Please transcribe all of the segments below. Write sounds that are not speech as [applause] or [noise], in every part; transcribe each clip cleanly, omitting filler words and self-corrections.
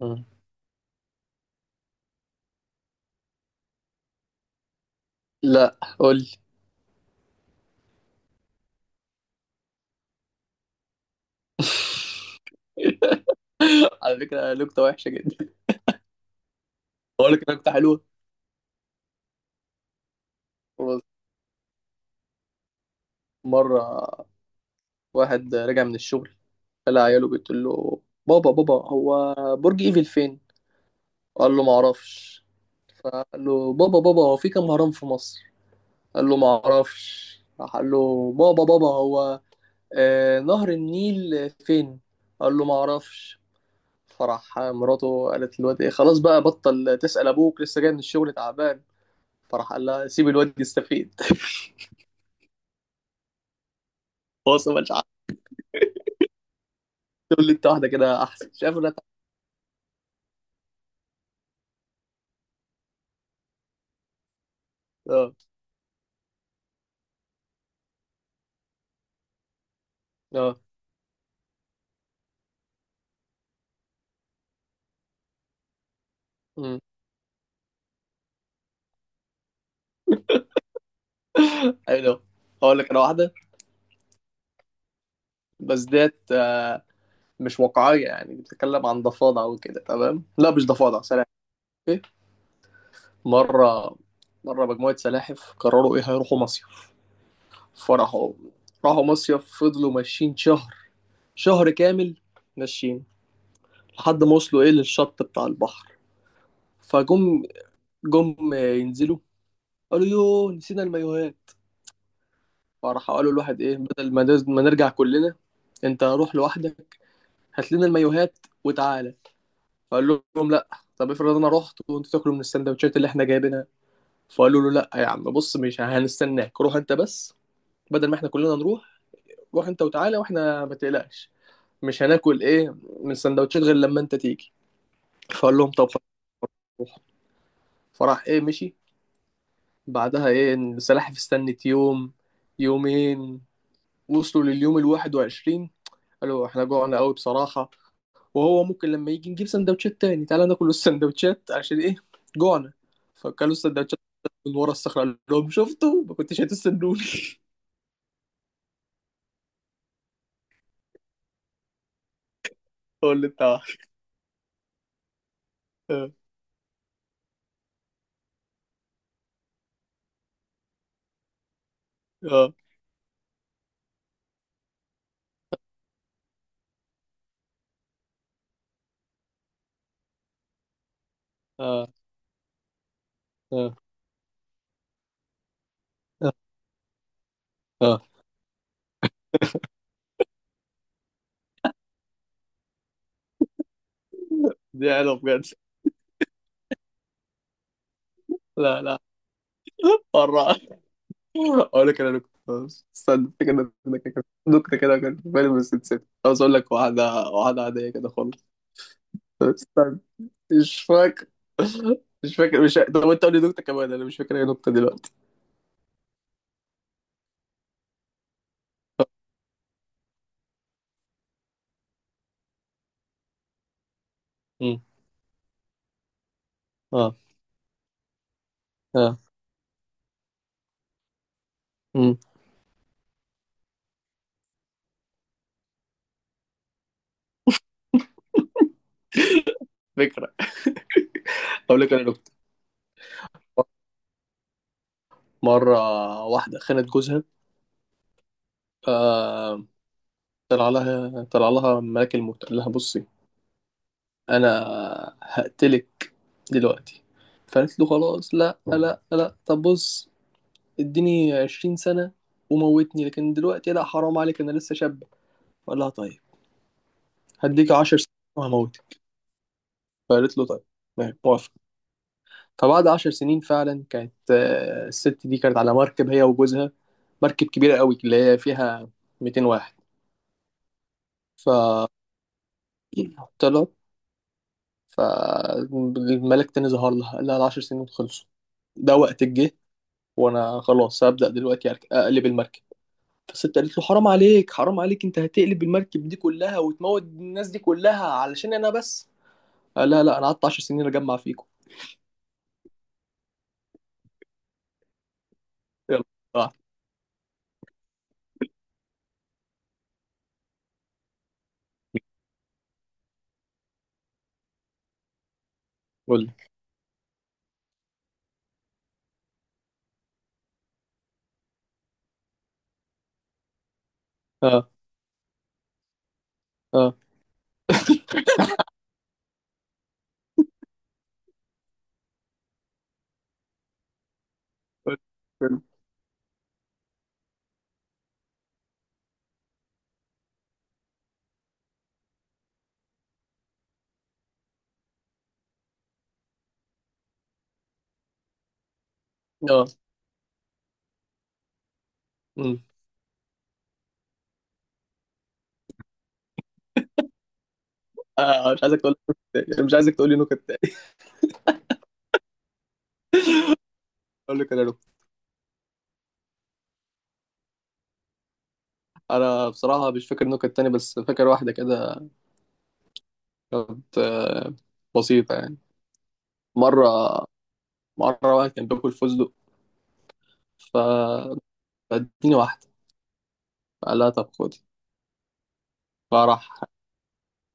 مم. لا، قول لي. [laughs] على فكرة، نكتة وحشة جدا. أقول لك نكتة حلوة. بص، مرة واحد رجع من الشغل قال لعياله بتقول له بابا بابا هو برج إيفل فين؟ قال له معرفش. فقال له بابا بابا هو في كام هرم في مصر؟ قال له معرفش. راح قال له بابا بابا هو نهر النيل فين؟ قال له معرفش. فراح مراته قالت للواد ايه خلاص بقى بطل تسأل ابوك لسه جاي من الشغل تعبان. فراح قال لها سيب الواد يستفيد. [laughs] [applause] هو أصلاً مش عارف. تقول لي انت واحده كده احسن، شايف انا. اه، اه. أمم. ايوه، هقول لك انا واحده، بس ديت مش واقعيه، يعني بتتكلم عن ضفادع وكده. تمام، لا، مش ضفادع، سلاحف. ايه؟ مره مره مجموعه سلاحف قرروا ايه، هيروحوا مصيف. فراحوا راحوا مصيف، فضلوا ماشيين شهر، شهر كامل، ماشيين، لحد ما وصلوا ايه للشط بتاع البحر. فجم جم ينزلوا، قالوا يوه نسينا المايوهات. فراح قالوا الواحد ايه، بدل ما ما نرجع كلنا انت روح لوحدك، هات لنا المايوهات وتعالى. فقال لهم لا، طب افرض انا رحت وانتوا تاكلوا من السندوتشات اللي احنا جايبينها. فقالوا له لا يا عم، بص مش هنستناك، روح انت بس، بدل ما احنا كلنا نروح، روح انت وتعالى واحنا ما تقلقش، مش هناكل ايه من السندوتشات غير لما انت تيجي. فقال لهم طب خلاص، روح. فراح ايه مشي. بعدها ايه السلاحف استنت يوم، يومين، وصلوا لليوم الواحد وعشرين، قالوا احنا جوعنا قوي بصراحة، وهو ممكن لما يجي نجيب سندوتشات تاني، تعالى ناكل السندوتشات عشان ايه؟ جوعنا. فكلوا السندوتشات. من ورا الصخرة قال لهم شفتوا، ما كنتش هتستنوني. [laughs] هو اللي بتاع. اه، اه، اه، اه، اه. آه. دي حلوة بجد. لا، لا. مرة [laughs] اقول لك انا نكتة. استنى افتكر إن أنا نكتة كده كانت في بالي بس نسيت. عاوز اقول لك واحدة، واحدة عادية كده خالص. استنى، مش فاكر مش فاكر. طب انت قول لي نكتة كمان، انا مش فاكر اي نكتة دلوقتي. مم. اه، اه. مم. فكرة. أقول لك أنا نكتة. مرة واحدة خانت جوزها. آه، طلع لها ملاك الموت، قال لها بصي أنا هقتلك دلوقتي. فقالت له خلاص، لا لا لا، طب بص، اديني 20 سنة وموتني، لكن دلوقتي لا، حرام عليك، أنا لسه شاب. قال لها طيب، هديك 10 سنين وهموتك. فقالت له طيب، ماشي، موافق. فبعد 10 سنين فعلا كانت الست دي كانت على مركب هي وجوزها، مركب كبيرة قوي اللي هي فيها 200 واحد. فطلع فالملك تاني ظهر لها، قال لها ال10 سنين خلصوا، ده وقت الجه، وانا خلاص هبدأ دلوقتي اقلب المركب. فالست قالت له حرام عليك، حرام عليك، انت هتقلب المركب دي كلها وتموت الناس دي كلها علشان انا بس؟ قال لها لا، انا قعدت 10 سنين اجمع فيكم. يلا. آه. قول لي. اه، اه. قول لي. اه. أمم. مش عايزك تقول، مش عايزك تقول لي نكت تاني. اقول لك انا نكت. انا بصراحه مش فاكر نكت تاني، بس فاكر واحده كده كانت بسيطة يعني. مرة مرة واحد كان باكل فستق، فاديني واحدة، قال لها طب خدي. فراح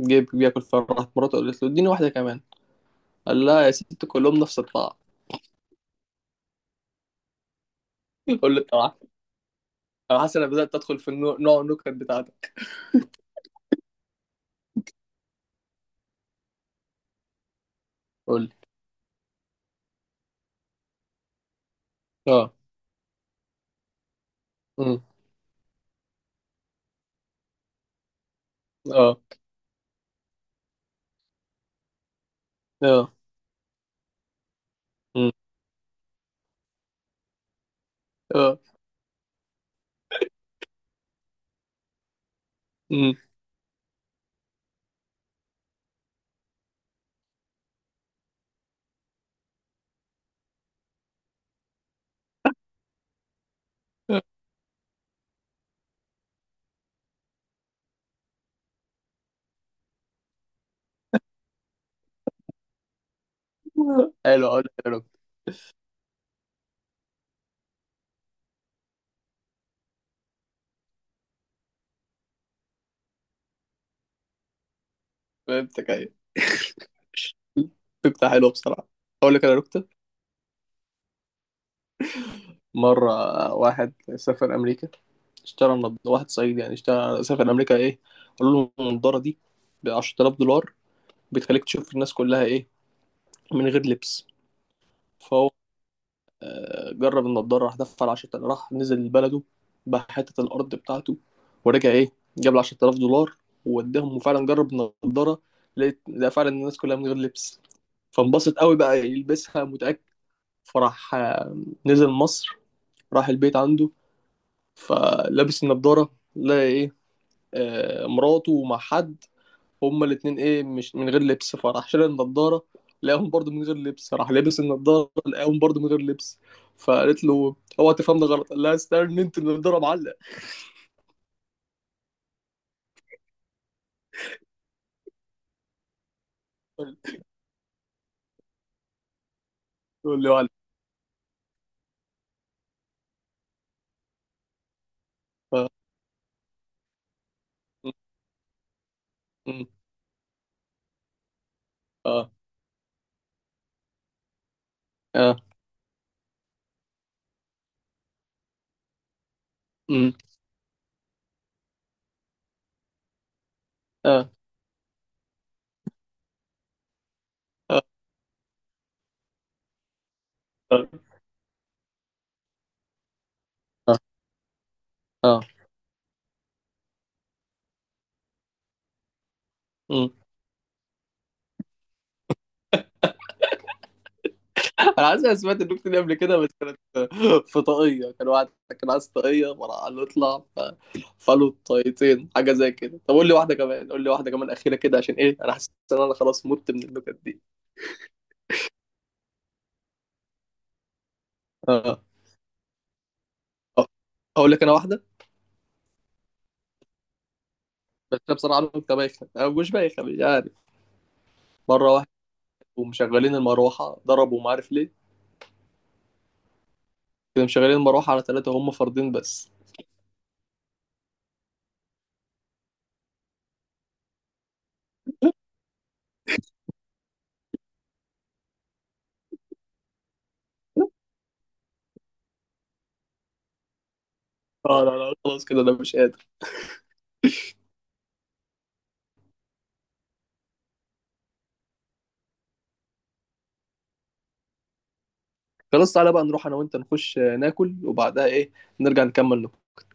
جيب بياكل، فراحت مراته قالت له اديني واحدة كمان. قال لها يا ست كلهم نفس الطعم. [laughs] قول له طبعا، انا حاسس انك بدأت تدخل في نوع النكت بتاعتك. قول لي. اه. أمم. اه، اه. أمم. اه. أمم. [laughs] حلو، اقول لك انا نكتة. فهمتك، ايوه. [laughs] نكتة حلوة بصراحة. اقول لك انا نكتة. مرة واحد سافر امريكا، اشترى واحد صعيدي يعني، اشترى سافر امريكا ايه، قالوا له النضاره دي ب 10,000 دولار، بتخليك تشوف الناس كلها ايه من غير لبس. فهو جرب النضاره، راح دفع 10,000، راح نزل بلده، باع حته الارض بتاعته ورجع ايه، جاب ال 10,000 دولار ووداهم، وفعلا جرب النضاره، لقى فعلا الناس كلها من غير لبس. فانبسط قوي، بقى يلبسها متاكد. فراح نزل مصر، راح البيت عنده، فلابس النضاره لا ايه، مراته مع حد هما الاتنين ايه مش من غير لبس. فراح شال النضارة لقاهم برضه من غير لبس، راح لابس النضارة لقاهم برضه من غير لبس. فقالت له اوعى تفهمني غلط، قال لها استنى انت النضارة معلق. تقول له معلق. اه، اه، م، اه، اه، اه، اه. آه. انا عايز، سمعت النكته دي قبل كده بس كانت في طاقيه، كان واحد كان عايز طاقيه، فراح قال له اطلع فقالوا طاقيتين حاجه زي كده. طب قول لي واحده كمان، قول لي واحده كمان اخيره كده عشان ايه، انا حاسس ان انا خلاص مت من النكت دي. اه. آه. اقول لك انا واحده، بس انا بصراحه نكته بايخه، انا مش بايخه مش عارف. مره واحد ومشغلين المروحه ضربوا، ما عارف ليه؟ كانوا مشغلين المروحه على ثلاثه هم فردين بس. اه، لا لا، خلاص كده انا مش قادر. خلاص، تعالى بقى نروح انا وانت نخش ناكل، وبعدها ايه نرجع نكمل نكت.